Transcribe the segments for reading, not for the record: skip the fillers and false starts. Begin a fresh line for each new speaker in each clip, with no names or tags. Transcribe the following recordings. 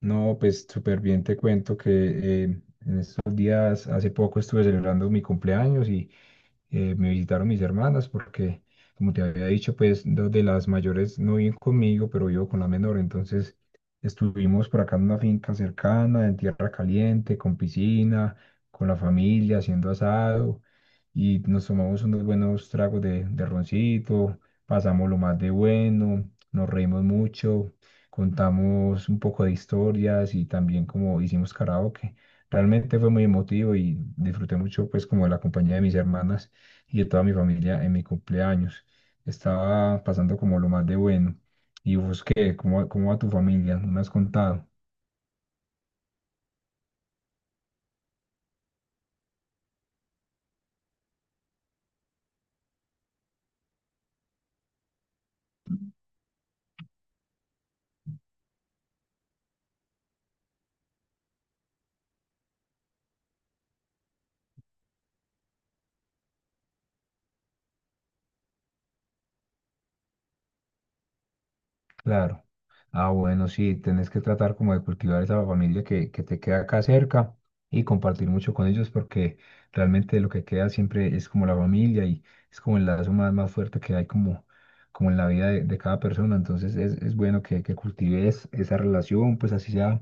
No, pues súper bien, te cuento que eh, en estos días, hace poco estuve celebrando mi cumpleaños y me visitaron mis hermanas porque, como te había dicho, pues dos de las mayores no viven conmigo, pero vivo con la menor. Entonces estuvimos por acá en una finca cercana, en tierra caliente, con piscina, con la familia, haciendo asado y nos tomamos unos buenos tragos de roncito, pasamos lo más de bueno, nos reímos mucho, contamos un poco de historias y también como hicimos karaoke. Realmente fue muy emotivo y disfruté mucho pues como de la compañía de mis hermanas y de toda mi familia en mi cumpleaños. Estaba pasando como lo más de bueno. ¿Y vos qué? ¿Cómo va tu familia? ¿No me has contado? Claro. Ah, bueno, sí, tenés que tratar como de cultivar esa familia que te queda acá cerca y compartir mucho con ellos porque realmente lo que queda siempre es como la familia y es como el lazo más fuerte que hay como, como en la vida de cada persona. Entonces es bueno que cultives esa relación, pues así sea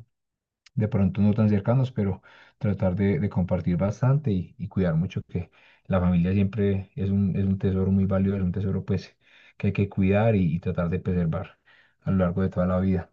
de pronto no tan cercanos, pero tratar de compartir bastante y cuidar mucho que la familia siempre es un tesoro muy valioso, es un tesoro pues que hay que cuidar y tratar de preservar a lo largo de toda la vida.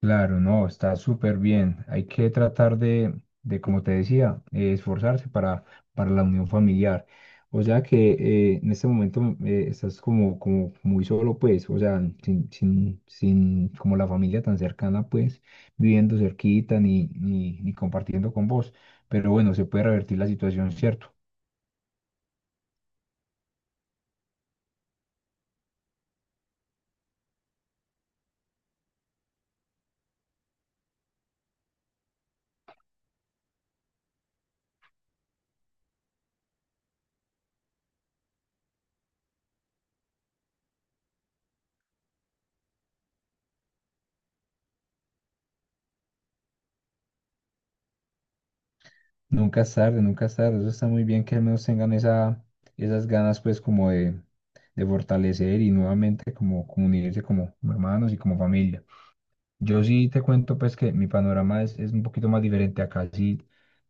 Claro, no, está súper bien. Hay que tratar de, como te decía, esforzarse para la unión familiar. O sea que en este momento estás como, como muy solo, pues, o sea, sin como la familia tan cercana, pues, viviendo cerquita ni compartiendo con vos. Pero bueno, se puede revertir la situación, ¿cierto? Nunca es tarde, nunca es tarde. Eso está muy bien que al menos tengan esa, esas ganas pues como de fortalecer y nuevamente como, como unirse como como hermanos y como familia. Yo sí te cuento pues que mi panorama es un poquito más diferente. Acá sí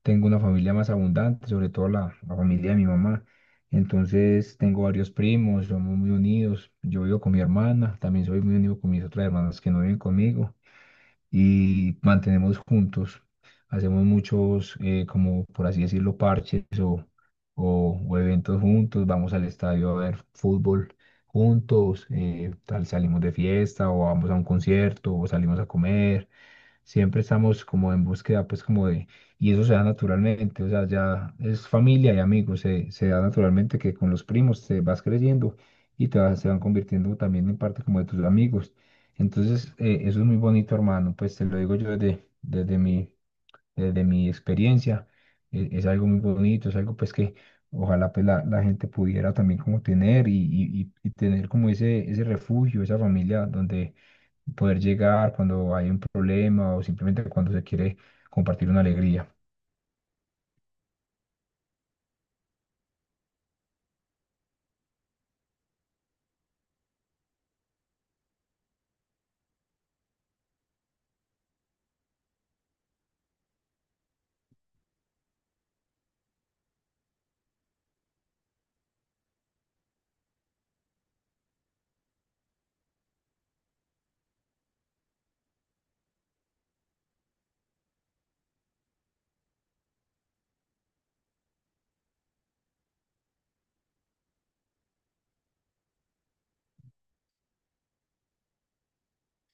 tengo una familia más abundante, sobre todo la familia de mi mamá. Entonces tengo varios primos, somos muy unidos. Yo vivo con mi hermana, también soy muy unido con mis otras hermanas que no viven conmigo y mantenemos juntos. Hacemos muchos, como por así decirlo, parches o eventos juntos. Vamos al estadio a ver fútbol juntos, tal, salimos de fiesta o vamos a un concierto o salimos a comer, siempre estamos como en búsqueda, pues como de, y eso se da naturalmente, o sea, ya es familia y amigos, se da naturalmente que con los primos te vas creyendo y se van convirtiendo también en parte como de tus amigos. Entonces, eso es muy bonito, hermano, pues te lo digo yo desde, desde mi experiencia. Es, algo muy bonito, es algo pues que ojalá pues la gente pudiera también como tener y tener como ese refugio, esa familia donde poder llegar cuando hay un problema o simplemente cuando se quiere compartir una alegría.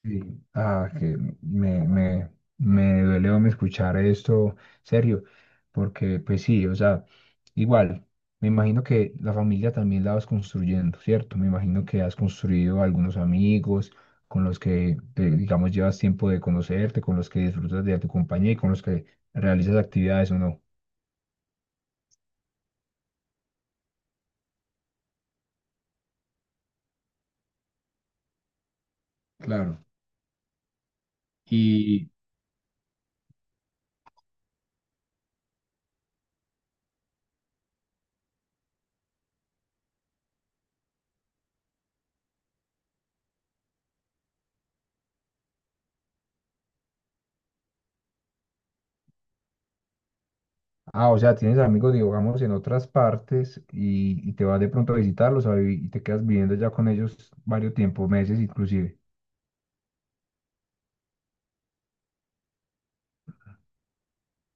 Sí, ah, que me duele me escuchar esto, serio, porque pues sí, o sea, igual, me imagino que la familia también la vas construyendo, ¿cierto? Me imagino que has construido algunos amigos con los que, digamos, llevas tiempo de conocerte, con los que disfrutas de tu compañía y con los que realizas actividades o no. Claro. Y ah, o sea, tienes amigos, digamos, en otras partes y te vas de pronto a visitarlos y te quedas viviendo ya con ellos varios tiempos, meses inclusive.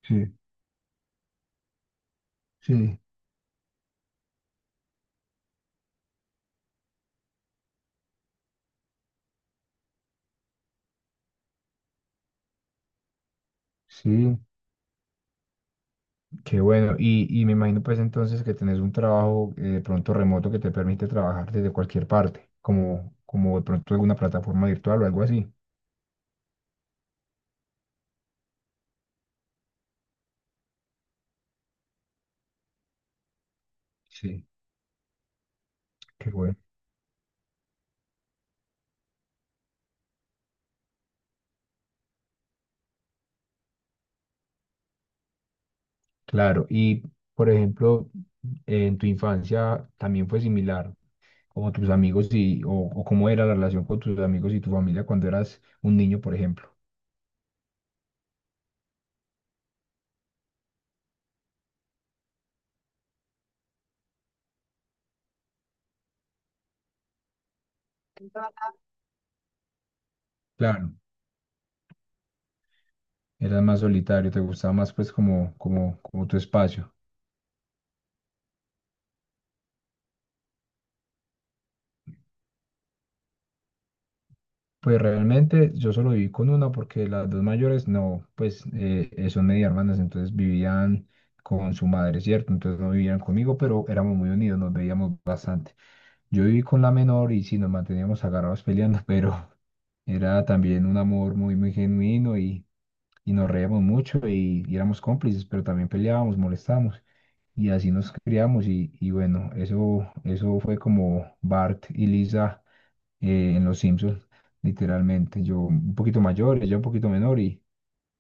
Sí, sí. Sí, qué bueno. Y me imagino pues entonces que tenés un trabajo de pronto remoto que te permite trabajar desde cualquier parte, como, como de pronto alguna plataforma virtual o algo así. Sí. Qué bueno. Claro. Y por ejemplo, en tu infancia también fue similar, como tus amigos y, o cómo era la relación con tus amigos y tu familia cuando eras un niño, por ejemplo. Claro, eras más solitario, te gustaba más pues como, como, como tu espacio. Pues realmente yo solo viví con una porque las dos mayores no, pues son media hermanas, entonces vivían con su madre, ¿cierto? Entonces no vivían conmigo, pero éramos muy unidos, nos veíamos bastante. Yo viví con la menor y sí, nos manteníamos agarrados peleando, pero era también un amor muy, muy genuino y nos reíamos mucho y éramos cómplices, pero también peleábamos, molestábamos y así nos criamos y bueno, eso fue como Bart y Lisa en Los Simpsons, literalmente. Yo un poquito mayor, ella un poquito menor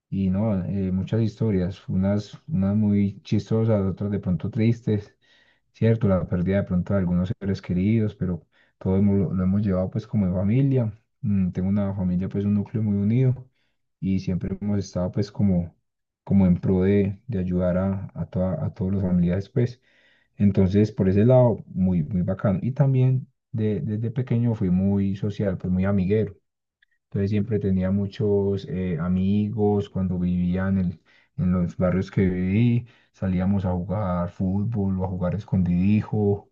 y no, muchas historias, unas, unas muy chistosas, otras de pronto tristes, cierto, la pérdida de pronto de algunos seres queridos, pero lo hemos llevado pues como en familia. Mm, tengo una familia pues un núcleo muy unido y siempre hemos estado pues como, como en pro de ayudar a, a todos los familiares pues. Entonces por ese lado muy, muy bacano. Y también desde pequeño fui muy social, pues muy amiguero. Entonces siempre tenía muchos amigos cuando vivía en los barrios que viví. Salíamos a jugar fútbol o a jugar escondidijo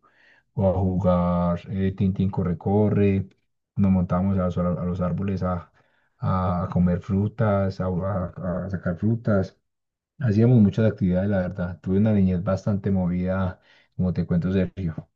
o a jugar tintín corre-corre. Nos montábamos a los árboles a comer frutas, a, a sacar frutas. Hacíamos muchas actividades, la verdad. Tuve una niñez bastante movida, como te cuento, Sergio.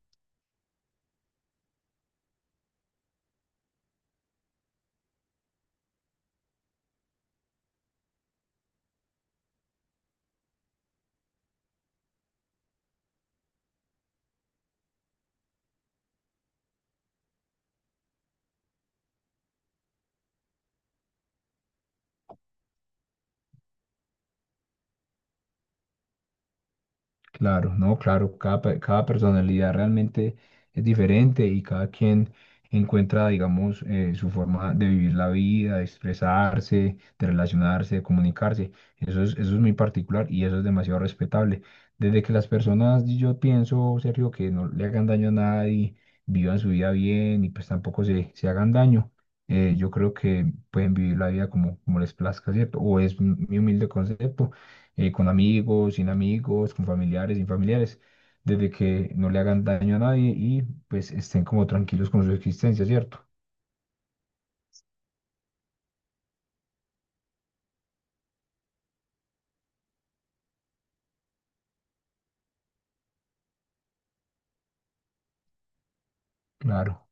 Claro, no, claro, cada, cada personalidad realmente es diferente y cada quien encuentra, digamos, su forma de vivir la vida, de expresarse, de relacionarse, de comunicarse. Eso es muy particular y eso es demasiado respetable. Desde que las personas, yo pienso, Sergio, que no le hagan daño a nadie, vivan su vida bien y pues tampoco se hagan daño, yo creo que pueden vivir la vida como, como les plazca, ¿cierto? O es mi humilde concepto, con amigos, sin amigos, con familiares, sin familiares, desde que no le hagan daño a nadie y pues estén como tranquilos con su existencia, ¿cierto? Claro.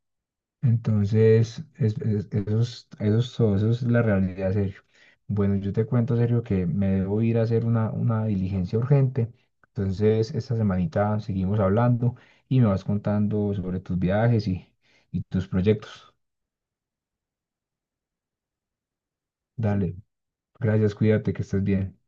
Entonces, eso es todo, eso es la realidad, Sergio. Bueno, yo te cuento, Sergio, que me debo ir a hacer una diligencia urgente. Entonces, esta semanita seguimos hablando y me vas contando sobre tus viajes y tus proyectos. Dale, gracias, cuídate, que estés bien.